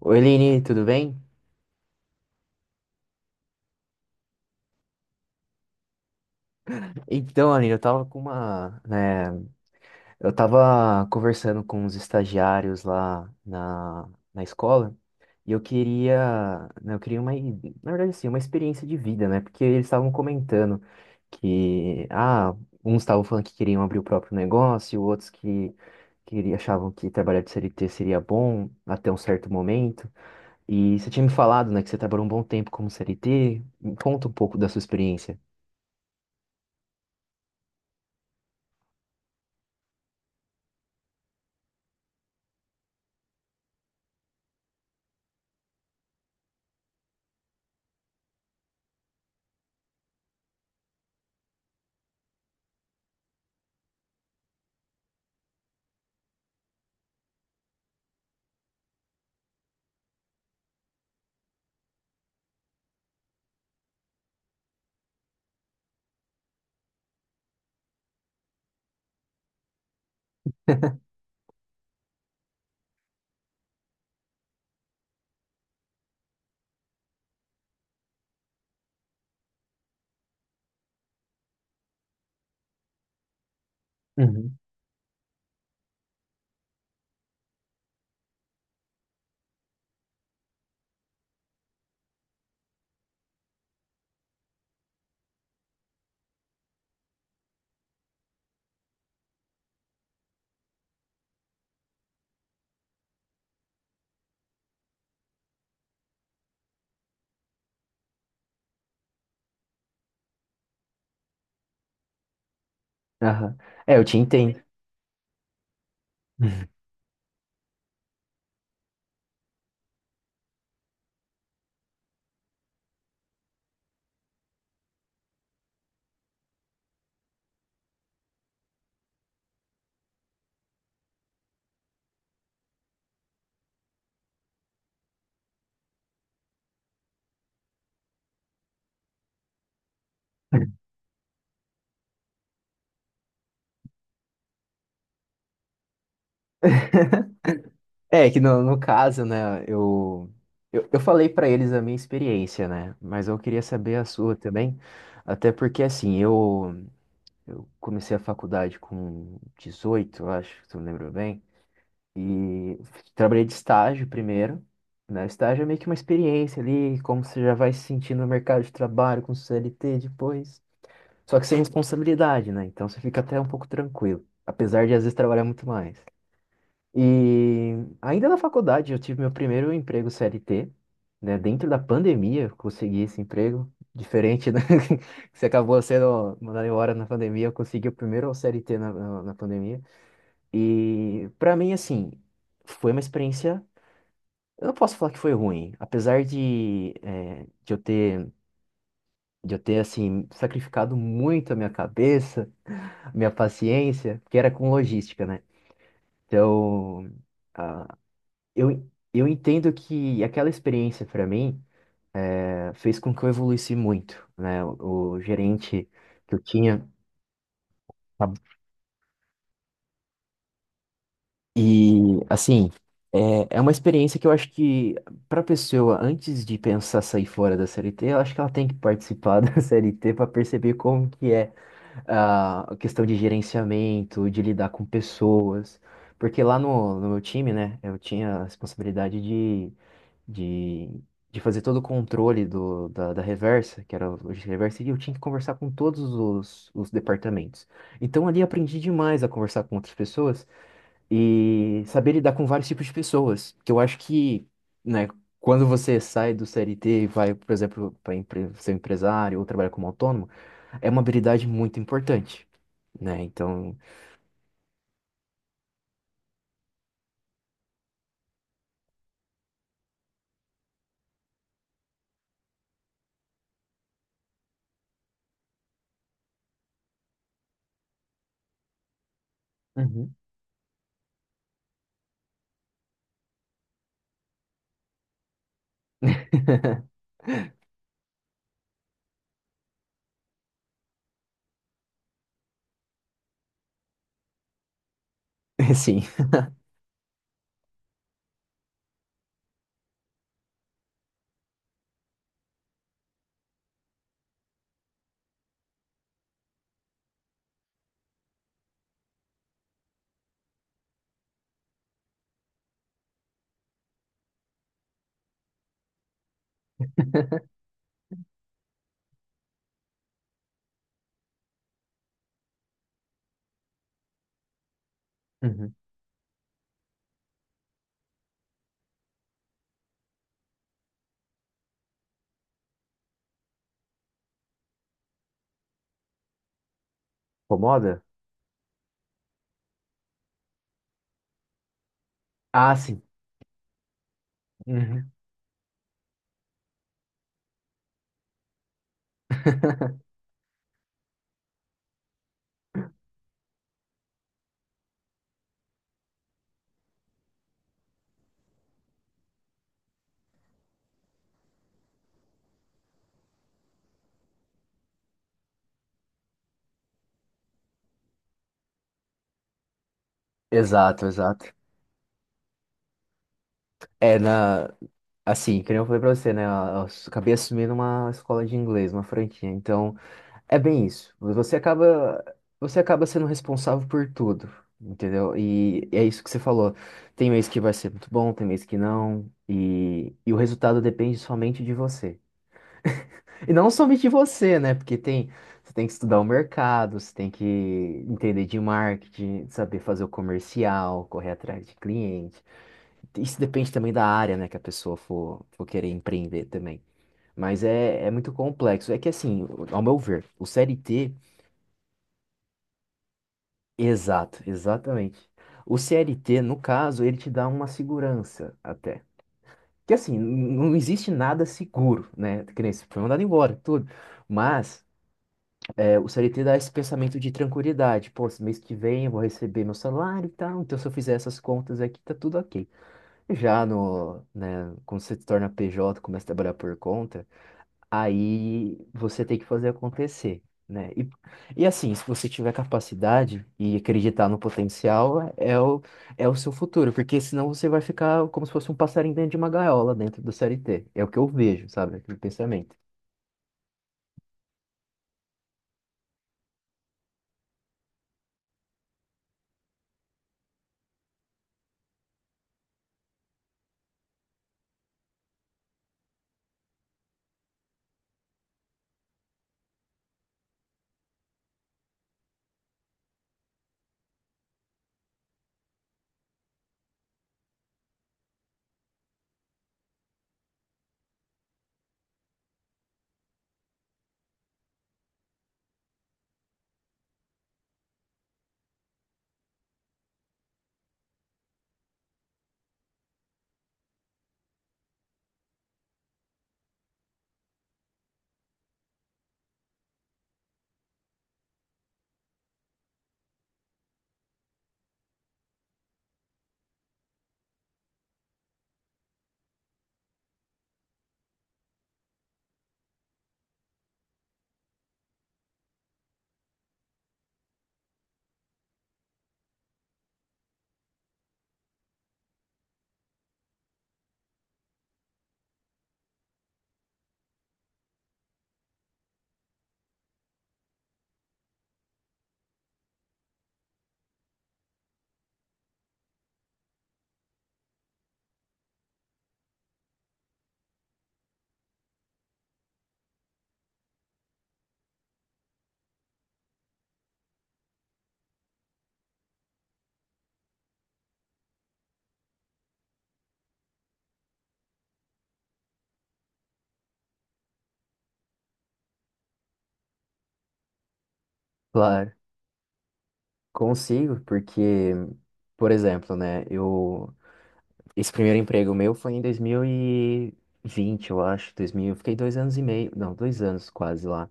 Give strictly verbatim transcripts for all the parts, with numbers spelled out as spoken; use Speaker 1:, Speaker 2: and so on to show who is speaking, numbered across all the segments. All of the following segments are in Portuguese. Speaker 1: Oi, Lini, tudo bem? Então, Aline, eu tava com uma, né, eu tava conversando com os estagiários lá na, na escola e eu queria, né, eu queria uma, i- na verdade, assim, uma experiência de vida, né? Porque eles estavam comentando que, ah, uns estavam falando que queriam abrir o próprio negócio, outros que queria, achavam que trabalhar de C L T seria bom até um certo momento. E você tinha me falado, né, que você trabalhou um bom tempo como C L T. Conta um pouco da sua experiência. Uhum. Aham. É, eu te entendo. É que no, no caso, né, eu, eu, eu falei pra eles a minha experiência, né, mas eu queria saber a sua também, até porque, assim, eu, eu comecei a faculdade com dezoito, eu acho, se eu me lembro bem, e trabalhei de estágio primeiro, né, estágio é meio que uma experiência ali, como você já vai se sentir no mercado de trabalho com C L T depois, só que sem responsabilidade, né, então você fica até um pouco tranquilo, apesar de às vezes trabalhar muito mais. E ainda na faculdade eu tive meu primeiro emprego C L T, né? Dentro da pandemia eu consegui esse emprego. Diferente, né? Que você acabou sendo mandado embora na pandemia, eu consegui o primeiro C L T na, na, na pandemia. E pra mim, assim, foi uma experiência. Eu não posso falar que foi ruim, apesar de, eh, de eu ter, de eu ter, assim, sacrificado muito a minha cabeça, a minha paciência, porque era com logística, né? Então, eu, eu entendo que aquela experiência para mim eh, fez com que eu evoluísse muito, né? O, o gerente que eu tinha tá- e assim é, é uma experiência que eu acho que para a pessoa antes de pensar sair fora da C L T, eu acho que ela tem que participar da C L T para perceber como que é a questão de gerenciamento, de lidar com pessoas. Porque lá no, no meu time, né, eu tinha a responsabilidade de, de, de fazer todo o controle do, da, da reversa, que era o logística reversa, e eu tinha que conversar com todos os, os departamentos. Então ali eu aprendi demais a conversar com outras pessoas e saber lidar com vários tipos de pessoas, que eu acho que, né, quando você sai do C L T e vai, por exemplo, para empre ser um empresário ou trabalhar como autônomo, é uma habilidade muito importante, né? Então, uhum, sim, uhum, incomoda? Ah, sim. Uhum. Exato, exato. É na, assim, que nem eu falei pra você, né? Eu acabei assumindo uma escola de inglês, uma franquia. Então, é bem isso. Você acaba, você acaba sendo responsável por tudo, entendeu? E é isso que você falou. Tem mês que vai ser muito bom, tem mês que não. E, e o resultado depende somente de você. E não somente você, né? Porque tem, você tem que estudar o mercado, você tem que entender de marketing, saber fazer o comercial, correr atrás de cliente. Isso depende também da área, né, que a pessoa for, for querer empreender também. Mas é, é muito complexo. É que assim, ao meu ver, o C L T, exato, exatamente. O C L T, no caso, ele te dá uma segurança até. Que assim, n- não existe nada seguro, né? Que nem se foi mandado embora, tudo. Mas É, o C L T dá esse pensamento de tranquilidade. Pô, esse mês que vem eu vou receber meu salário e tal, então se eu fizer essas contas aqui, tá tudo ok. Já no, né, quando você se torna P J, começa a trabalhar por conta, aí você tem que fazer acontecer, né? E, e assim, se você tiver capacidade e acreditar no potencial, é é o, é o seu futuro, porque senão você vai ficar como se fosse um passarinho dentro de uma gaiola dentro do C L T. É o que eu vejo, sabe? Aquele pensamento. Claro. Consigo, porque, por exemplo, né, eu, esse primeiro emprego meu foi em dois mil e vinte eu acho, dois mil, eu fiquei dois anos e meio, não, dois anos quase lá.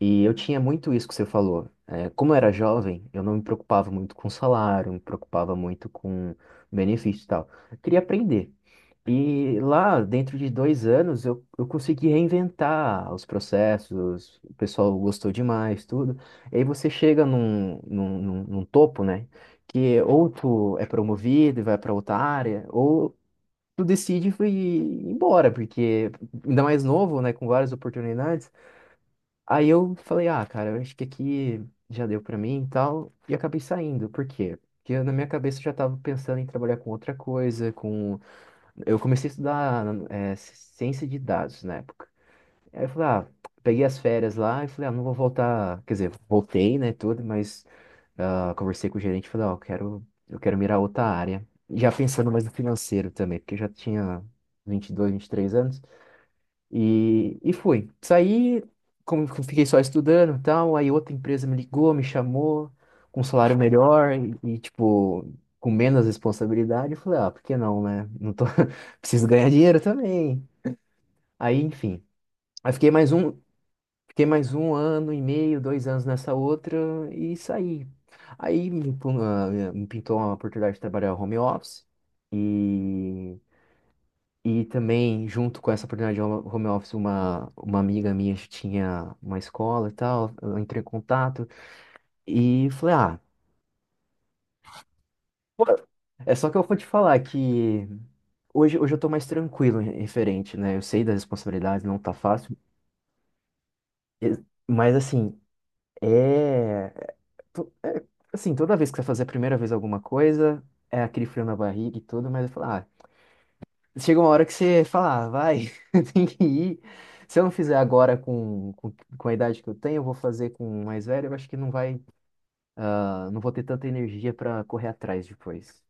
Speaker 1: E eu tinha muito isso que você falou. É, como eu era jovem, eu não me preocupava muito com salário, não me preocupava muito com benefício e tal. Eu queria aprender. E lá, dentro de dois anos, eu, eu consegui reinventar os processos, o pessoal gostou demais, tudo. E aí você chega num, num, num, num topo, né? Que ou tu é promovido e vai para outra área, ou tu decide e ir embora, porque ainda mais novo, né? Com várias oportunidades. Aí eu falei, ah, cara, eu acho que aqui já deu pra mim e tal. E acabei saindo. Por quê? Porque eu, na minha cabeça eu já tava pensando em trabalhar com outra coisa, com... Eu comecei a estudar é, ciência de dados na época. Aí eu falei, ah, peguei as férias lá e falei, ah, não vou voltar... Quer dizer, voltei, né, tudo, mas ah, conversei com o gerente e falei, ó, eu quero, eu quero mirar outra área. Já pensando mais no financeiro também, porque eu já tinha vinte vinte e dois, vinte e três anos. E, e fui. Saí, como eu fiquei só estudando e tal, aí outra empresa me ligou, me chamou, com um salário melhor e, e, tipo, com menos responsabilidade. Eu falei, ah, por que não, né? Não tô... Preciso ganhar dinheiro também. Aí, enfim. Aí fiquei mais um, fiquei mais um ano e meio, dois anos nessa outra e saí. Aí me, pun- ah, me pintou uma oportunidade de trabalhar home office. E e também, junto com essa oportunidade de home home office, uma, uma amiga minha que tinha uma escola e tal, eu entrei em contato e falei, ah, pô, é só que eu vou te falar que hoje, hoje eu tô mais tranquilo em- referente, né? Eu sei das responsabilidades, não tá fácil, e- mas assim, é, to- é assim, toda vez que você fazer a primeira vez alguma coisa, é aquele frio na barriga e tudo, mas eu falo, ah, chega uma hora que você fala, ah, vai, tem que ir. Se eu não fizer agora com, com, com a idade que eu tenho, eu vou fazer com o mais velho, eu acho que não vai, ah, não vou ter tanta energia para correr atrás depois.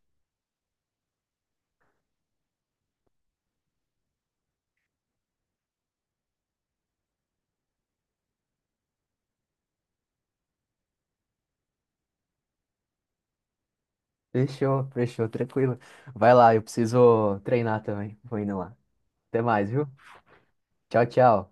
Speaker 1: Fechou, fechou, tranquilo. Vai lá, eu preciso treinar também. Vou indo lá. Até mais, viu? Tchau, tchau.